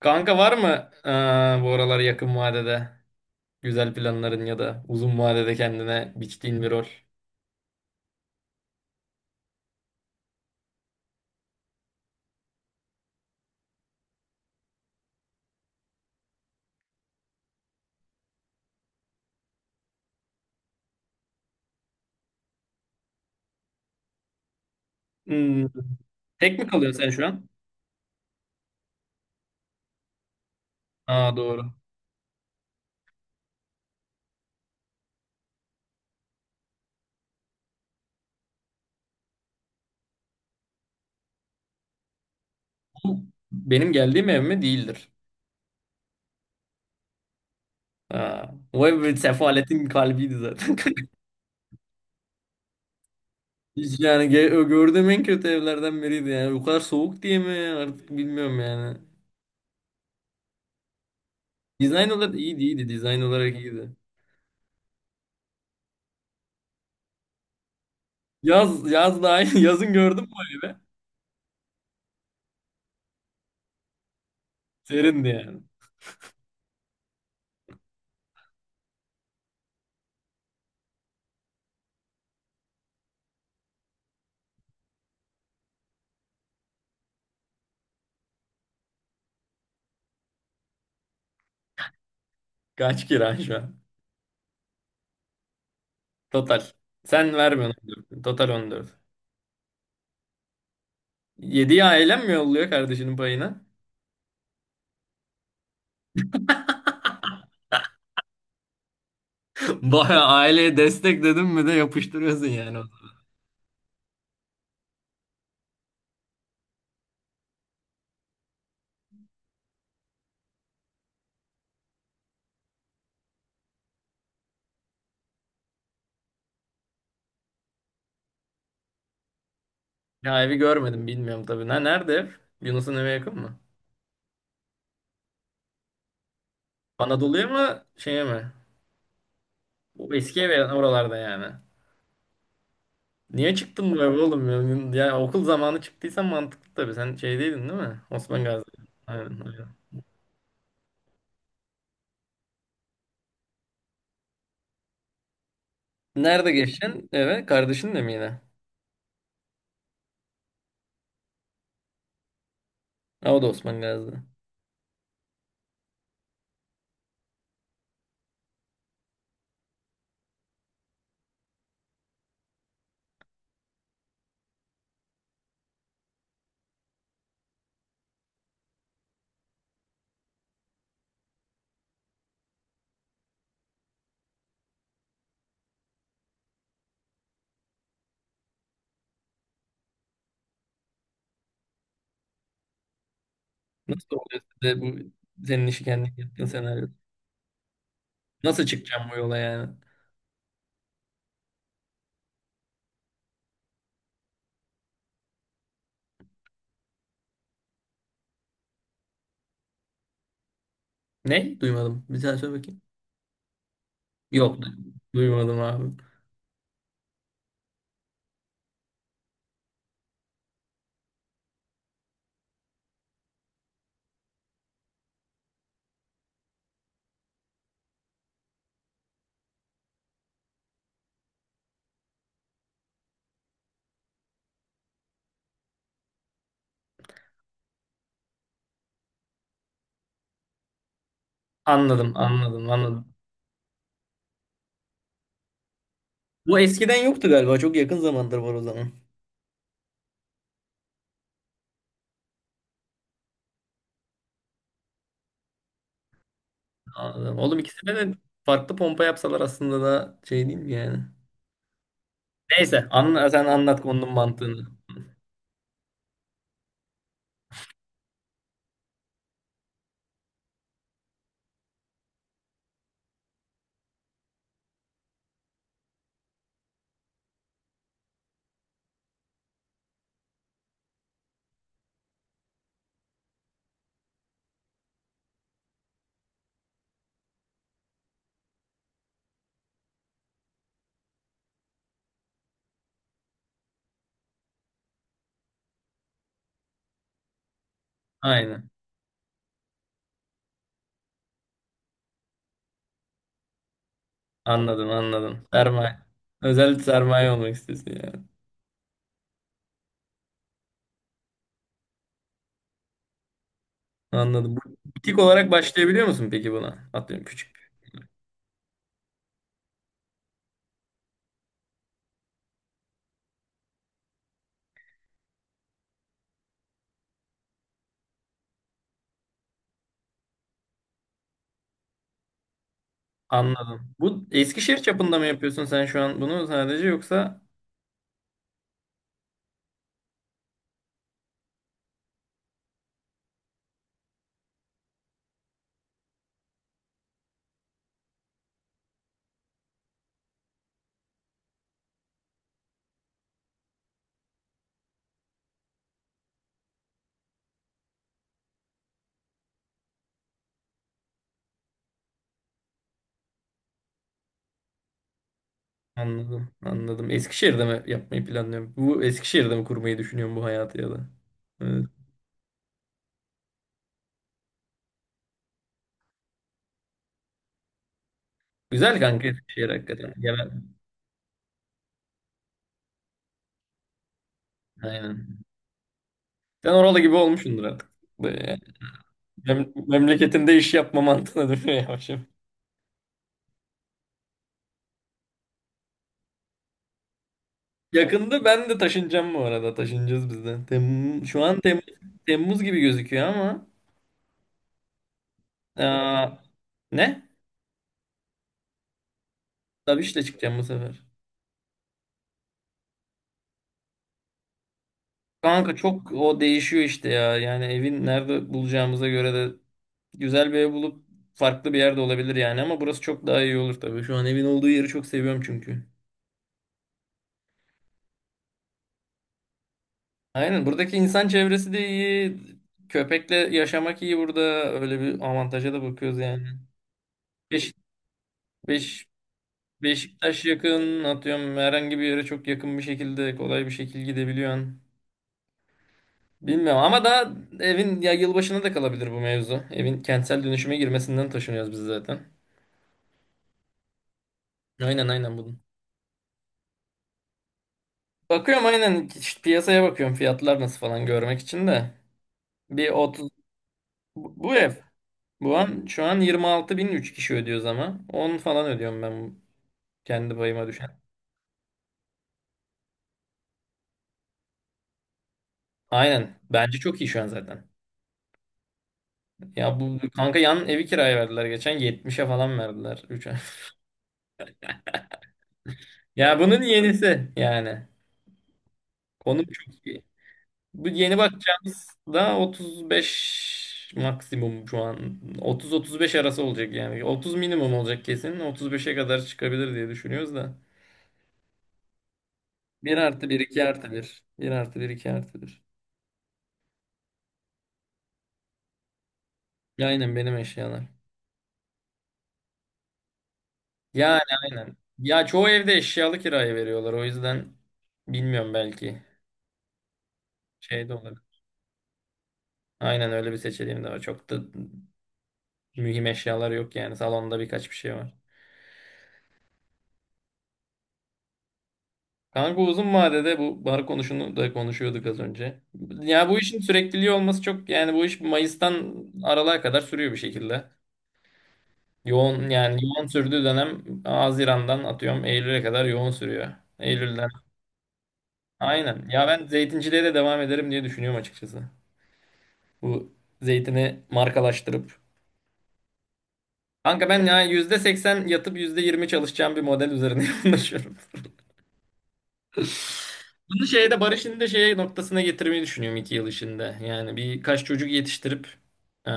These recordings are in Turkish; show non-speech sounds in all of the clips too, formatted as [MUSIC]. Kanka var mı bu aralar yakın vadede güzel planların ya da uzun vadede kendine biçtiğin bir rol? Hmm. Tek mi kalıyorsun sen şu an? Aa doğru. Bu Benim geldiğim ev mi? Değildir. Aa, o ev bir sefaletin kalbiydi zaten. [LAUGHS] Hiç yani gördüğüm en kötü evlerden biriydi yani. O kadar soğuk diye mi artık bilmiyorum yani. Dizayn olarak iyiydi iyiydi. Dizayn olarak iyiydi. Yaz da aynı [LAUGHS] yazın gördün mü o evi? Serindi yani. Kaç kira şu an? Total. Sen vermiyorsun 14. Total 14. 7'yi ailen mi yolluyor kardeşinin payına? [LAUGHS] Baya aileye destek dedim mi de yapıştırıyorsun yani o zaman. Ya evi görmedim bilmiyorum tabii. Ne, nerede ev? Yunus'un eve yakın mı? Anadolu'ya mı şeye mi? O eski ev oralarda yani. Niye çıktın bu eve oğlum? Ya okul zamanı çıktıysan mantıklı tabii. Sen şeydeydin değil mi? Osman Gazi. Aynen, aynen. Nerede geçeceksin eve? Kardeşinle mi yine? Ha, o da Osman Gazi'de. Nasıl oluyor size bu senin işi kendin yaptığın senaryo? Nasıl çıkacağım bu yola yani? Ne? Duymadım. Bir daha söyle bakayım. Yok. Duymadım abi. Anladım, anladım, anladım. Bu eskiden yoktu galiba. Çok yakın zamandır var o zaman. Anladım. Oğlum ikisine de farklı pompa yapsalar aslında da şey değil mi yani? Neyse sen anlat konunun mantığını. Aynen. Anladım anladım. Sermaye. Özellikle sermaye olmak istiyorsun yani. Anladım. Butik olarak başlayabiliyor musun peki buna? Atıyorum küçük. Anladım. Bu Eskişehir çapında mı yapıyorsun sen şu an bunu sadece yoksa? Anladım anladım. Eskişehir'de mi yapmayı planlıyorum? Bu Eskişehir'de mi kurmayı düşünüyorum bu hayatı ya da? Evet. Güzel kanka Eskişehir hakikaten. Genel. Aynen. Sen oralı gibi olmuşsundur artık. Böyle yani. Memleketinde iş yapma mantığına dönüyor yavaş. Yakında ben de taşınacağım bu arada. Taşınacağız biz de. Şu an Temmuz gibi gözüküyor ama. Aa, ne? Tabii işte çıkacağım bu sefer. Kanka çok o değişiyor işte ya. Yani evin nerede bulacağımıza göre de güzel bir ev bulup farklı bir yerde olabilir yani. Ama burası çok daha iyi olur tabii. Şu an evin olduğu yeri çok seviyorum çünkü. Aynen buradaki insan çevresi de iyi. Köpekle yaşamak iyi burada. Öyle bir avantaja da bakıyoruz yani. 5 Beşiktaş yakın atıyorum herhangi bir yere çok yakın bir şekilde kolay bir şekilde gidebiliyorsun. Bilmiyorum ama daha evin ya yılbaşına da kalabilir bu mevzu. Evin kentsel dönüşüme girmesinden taşınıyoruz biz zaten. Aynen aynen bunun. Bakıyorum aynen işte piyasaya bakıyorum fiyatlar nasıl falan görmek için de. Bir 30. Bu ev bu an şu an 26 bin, 3 kişi ödüyoruz ama 10 falan ödüyorum ben, kendi payıma düşen. Aynen. Bence çok iyi şu an zaten. Ya bu kanka, yan evi kiraya verdiler geçen, 70'e falan verdiler 3. Ya bunun yenisi yani. Konum çok iyi. Bu yeni bakacağımız da 35 maksimum şu an. 30-35 arası olacak yani. 30 minimum olacak kesin. 35'e kadar çıkabilir diye düşünüyoruz da. Bir artı bir 2 artı Bir 1 artı bir, iki artı 1. Ya aynen benim eşyalar. Yani aynen. Ya çoğu evde eşyalı kiraya veriyorlar. O yüzden bilmiyorum belki. Şey de olur. Aynen öyle bir seçeneğim de var. Çok da mühim eşyalar yok yani. Salonda birkaç bir şey var. Kanka uzun vadede bu bar konusunu da konuşuyorduk az önce. Ya bu işin sürekliliği olması çok yani bu iş Mayıs'tan Aralık'a kadar sürüyor bir şekilde. Yoğun yani yoğun sürdüğü dönem Haziran'dan atıyorum Eylül'e kadar yoğun sürüyor. Eylül'den. Aynen. Ya ben zeytinciliğe de devam ederim diye düşünüyorum açıkçası. Bu zeytini markalaştırıp. Kanka ben ya %80 yatıp %20 çalışacağım bir model üzerine [LAUGHS] konuşuyorum. Bunu şeyde Barış'ın da şey noktasına getirmeyi düşünüyorum 2 yıl içinde. Yani birkaç çocuk yetiştirip eee,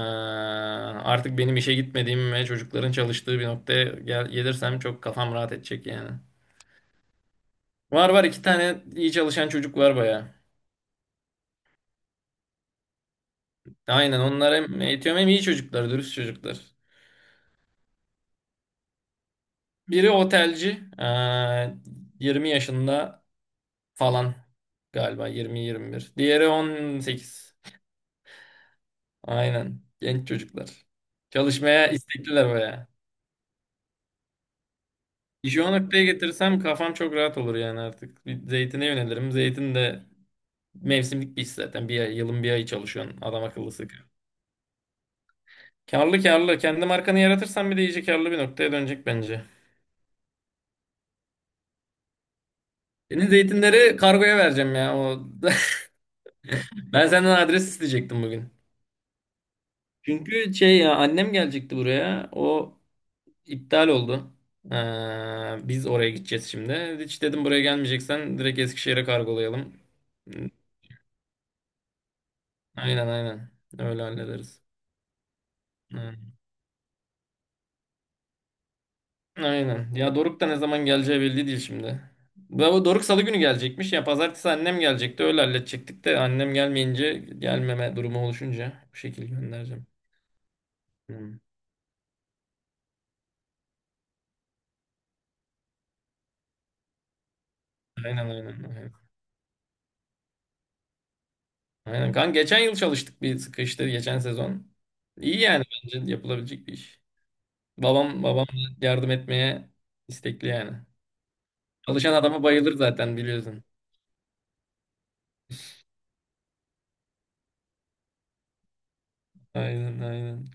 artık benim işe gitmediğim ve çocukların çalıştığı bir noktaya gelirsem çok kafam rahat edecek yani. Var iki tane iyi çalışan çocuk var baya. Aynen onlar hem eğitiyorum hem iyi çocuklar, dürüst çocuklar. Biri otelci, 20 yaşında falan galiba 20-21. Diğeri 18. Aynen. Genç çocuklar. Çalışmaya istekliler baya. İşi o noktaya getirsem kafam çok rahat olur yani artık. Bir zeytine yönelirim. Zeytin de mevsimlik bir iş zaten. Bir ay, yılın bir ayı çalışıyorsun. Adam akıllı sıkıyor. Karlı karlı. Kendi markanı yaratırsan bir de iyice karlı bir noktaya dönecek bence. Senin zeytinleri kargoya vereceğim ya. [LAUGHS] Ben senden adres isteyecektim bugün. Çünkü şey ya annem gelecekti buraya. O İptal oldu. Biz oraya gideceğiz şimdi. Hiç dedim buraya gelmeyeceksen direkt Eskişehir'e kargolayalım. Aynen aynen. Öyle hallederiz. Aynen. Aynen. Ya Doruk da ne zaman geleceği belli değil şimdi. Ya bu Doruk Salı günü gelecekmiş. Ya Pazartesi annem gelecekti. Öyle halledecektik de annem gelmeyince, gelmeme durumu oluşunca bu şekilde göndereceğim. Hı. Aynen aynen. Aynen. Aynen. Kanka geçen yıl çalıştık bir sıkı işte geçen sezon. İyi yani bence yapılabilecek bir iş. Babam yardım etmeye istekli yani. Çalışan adama bayılır zaten biliyorsun. Aynen aynen.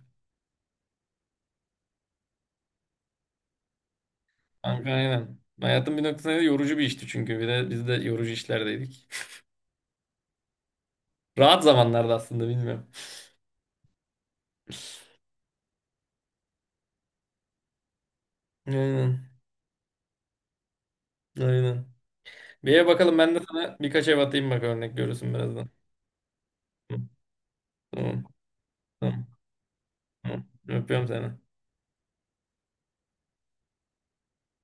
Kanka aynen. Hayatın bir noktasında yorucu bir işti çünkü. Bir de biz de yorucu işlerdeydik. Rahat zamanlarda aslında bilmiyorum. Aynen. Aynen. Bir ev bakalım ben de sana birkaç ev atayım bak örnek görürsün birazdan. Hı, Tamam. Tamam. Tamam. Öpüyorum seni.